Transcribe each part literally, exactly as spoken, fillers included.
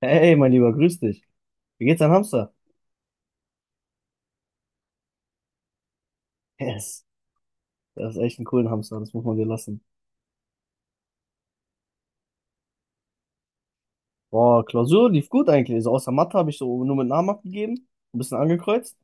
Hey, mein Lieber, grüß dich. Wie geht's dein Hamster? Yes. Das ist echt ein cooler Hamster, das muss man dir lassen. Boah, Klausur lief gut eigentlich. Also außer Mathe habe ich so nur mit Namen abgegeben, ein bisschen angekreuzt.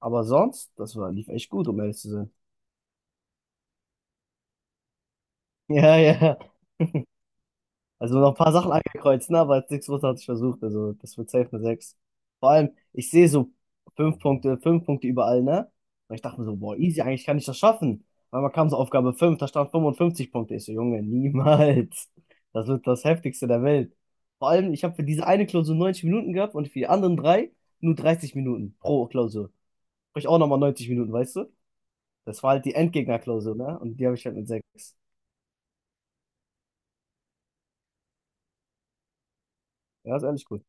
Aber sonst, das war, lief echt gut, um ehrlich zu sein. Ja, ja. Also noch ein paar Sachen angekreuzt, ne? Aber jetzt hatte ich versucht. Also das wird safe eine sechs. Vor allem, ich sehe so fünf Punkte, fünf Punkte überall, ne? Und ich dachte mir so, boah, easy, eigentlich kann ich das schaffen. Weil man kam so Aufgabe fünf, da stand fünfundfünfzig Punkte. Ich so, Junge, niemals. Das wird das Heftigste der Welt. Vor allem, ich habe für diese eine Klausur neunzig Minuten gehabt und für die anderen drei nur dreißig Minuten pro Klausur. Sprich, auch nochmal neunzig Minuten, weißt du? Das war halt die Endgegnerklausur, ne? Und die habe ich halt mit sechs. Ja, ist ehrlich gut.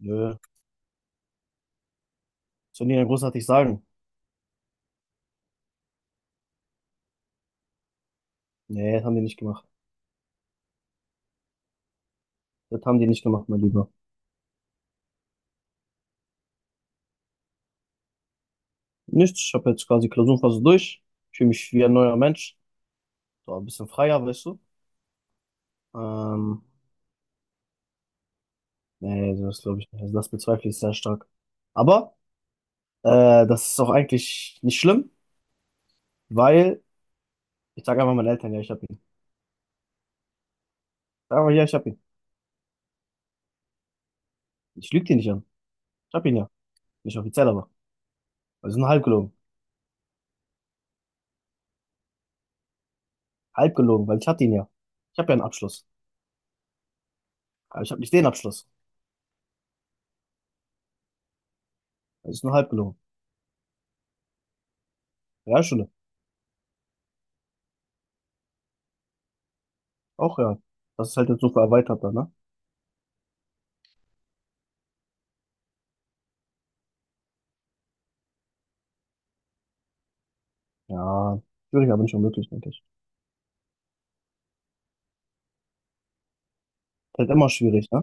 Nö, soll ich nicht großartig sagen. Nee, das haben die nicht gemacht. Das haben die nicht gemacht, mein Lieber. Nichts, ich habe jetzt quasi Klausurenphase durch. Ich fühle mich wie ein neuer Mensch. So ein bisschen freier, weißt du. Ähm, Nee, das glaube ich nicht. Also das bezweifle ich sehr stark. Aber äh, das ist auch eigentlich nicht schlimm, weil ich sage einfach meinen Eltern, ja, ich hab ihn. Sag einfach, ja, ich hab ihn. Ich lüge dir nicht an. Ich hab ihn ja. Nicht offiziell, aber. Also nur halb gelogen. Halb gelogen, weil ich hatte ihn ja. Ich habe ja einen Abschluss. Aber ich habe nicht den Abschluss. Das ist nur halb gelogen. Realschule. Auch ja. Das ist halt jetzt so erweitert, ne? Ja, schwierig, aber nicht unmöglich, denke ich. Ist halt immer schwierig, ne?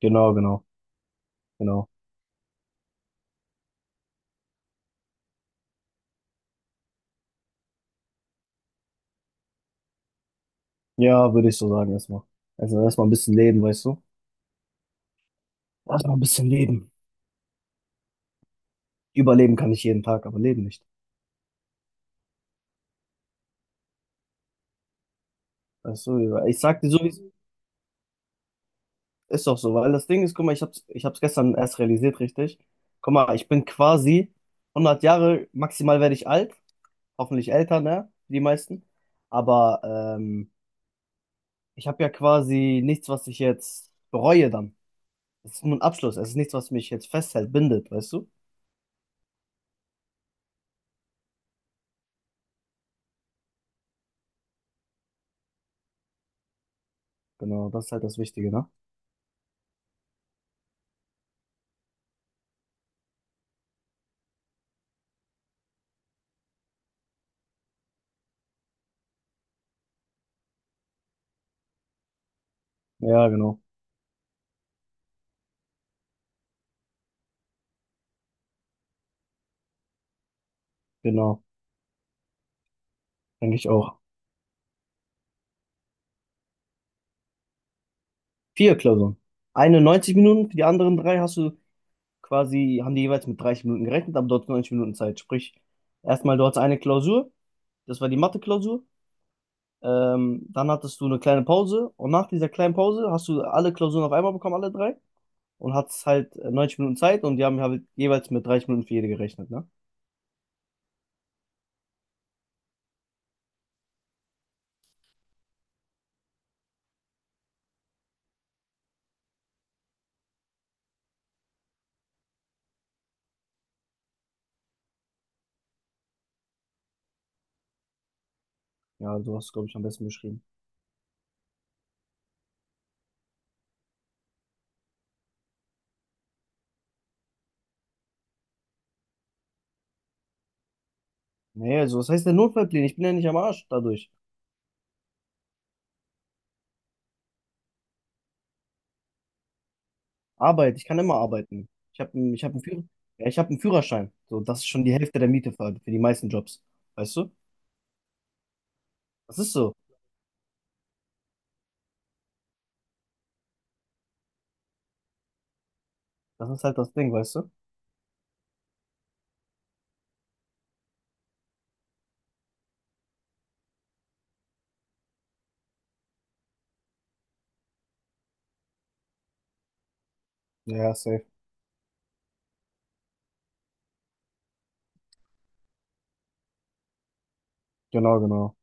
Genau, genau, genau. Ja, würde ich so sagen erstmal. Also erstmal ein bisschen leben, weißt du? Erstmal ein bisschen leben. Überleben kann ich jeden Tag, aber leben nicht. Weißt du, ich sag dir so, wie es ist, doch so, weil das Ding ist, guck mal, ich hab's, ich hab's gestern erst realisiert, richtig? Guck mal, ich bin quasi hundert Jahre, maximal werde ich alt, hoffentlich älter, ne? Die meisten. Aber ähm, ich habe ja quasi nichts, was ich jetzt bereue dann. Es ist nur ein Abschluss. Es ist nichts, was mich jetzt festhält, bindet, weißt du? Genau, das ist halt das Wichtige, ne? Ja, genau. Genau. Denke ich auch. Vier Klausuren. Eine neunzig Minuten, für die anderen drei hast du quasi, haben die jeweils mit dreißig Minuten gerechnet, aber du hattest neunzig Minuten Zeit. Sprich, erstmal du hattest eine Klausur, das war die Mathe-Klausur. Ähm, dann hattest du eine kleine Pause und nach dieser kleinen Pause hast du alle Klausuren auf einmal bekommen, alle drei, und hattest halt äh, neunzig Minuten Zeit und die haben halt jeweils mit dreißig Minuten für jede gerechnet, ne? Ja, du hast, du, glaube ich, am besten beschrieben. Nee, also was heißt der Notfallplan? Ich bin ja nicht am Arsch dadurch. Arbeit, ich kann immer arbeiten. Ich habe einen, ich habe einen Führ ja, ich habe einen Führerschein. So, das ist schon die Hälfte der Miete für, für die meisten Jobs. Weißt du? Das ist so. Das ist halt das Ding, weißt du? Ja, ja, safe. Genau, genau.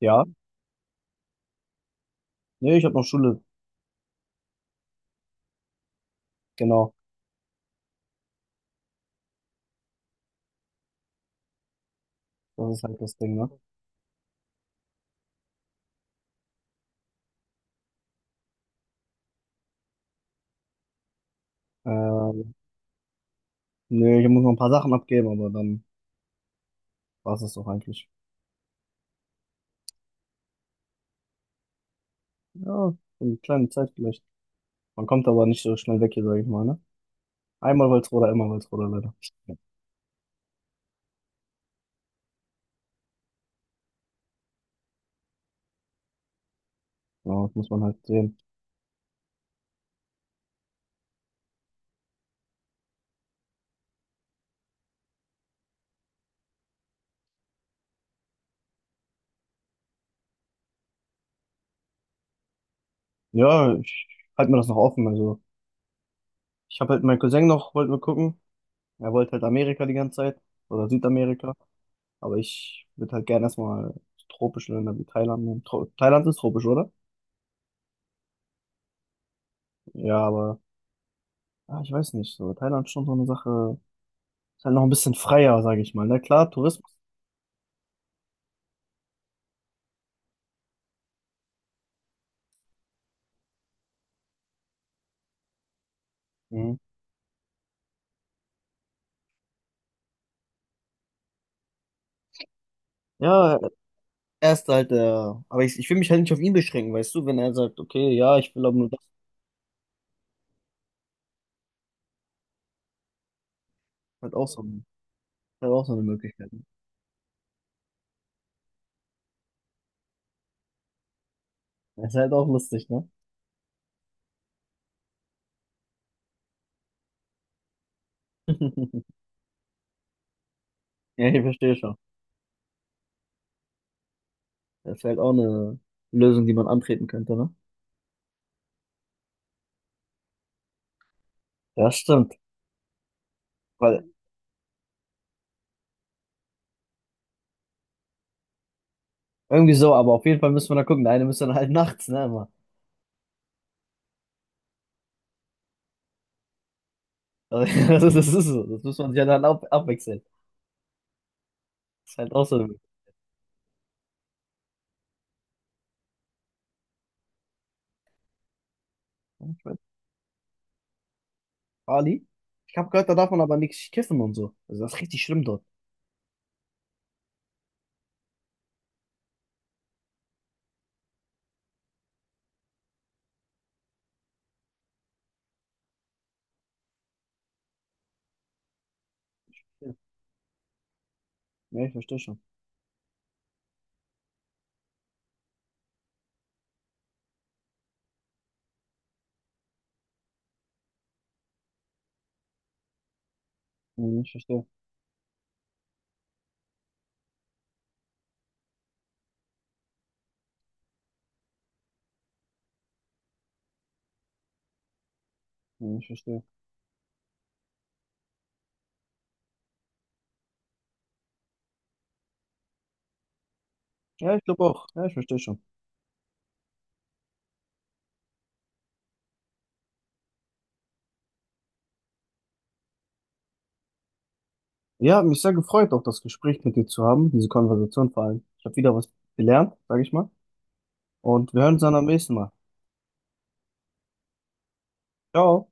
Ja. Nee, ich habe noch Schule. Genau. Das ist halt das Ding, ne? Ähm, Nee, ich muss noch ein paar Sachen abgeben, aber dann war es das doch eigentlich. Ja, so eine kleine Zeit vielleicht. Man kommt aber nicht so schnell weg hier, sage ich mal, ne? Einmal Walsrode, immer Walsrode, leider. Ja, genau, das muss man halt sehen. Ja, ich halte mir das noch offen. Also, ich habe halt meinen Cousin noch, wollten wir gucken. Er wollte halt Amerika die ganze Zeit oder Südamerika. Aber ich würde halt gerne erstmal tropische Länder wie Thailand nehmen. Tro Thailand ist tropisch, oder? Ja, aber ah, ich weiß nicht. So, Thailand ist schon so eine Sache. Ist halt noch ein bisschen freier, sage ich mal. Na klar, Tourismus. Mhm. Ja, er ist halt der. Aber ich, ich will mich halt nicht auf ihn beschränken, weißt du, wenn er sagt, okay, ja, ich will aber nur das, ist halt auch so, ist halt auch so eine Möglichkeit. Das ist halt auch lustig, ne? Ja, ich verstehe schon. Das ist halt auch eine Lösung, die man antreten könnte, ne? Ja, stimmt. Weil irgendwie so, aber auf jeden Fall müssen wir da gucken. Der eine müsste dann halt nachts, ne, immer. Also, das ist, das ist so. Das muss man sich dann ab abwechseln. Das ist halt auch so. Ich weiß, Bali? Ich habe gehört, da darf man aber nichts kiffen und so. Also das ist richtig schlimm dort. Ja, ja, ich verstehe schon. Hm, ich verstehe. Hm, ich verstehe. Ja, ich glaube auch. Ja, ich verstehe schon. Ja, hat mich sehr gefreut, auch das Gespräch mit dir zu haben, diese Konversation vor allem. Ich habe wieder was gelernt, sage ich mal. Und wir hören uns dann am nächsten Mal. Ciao.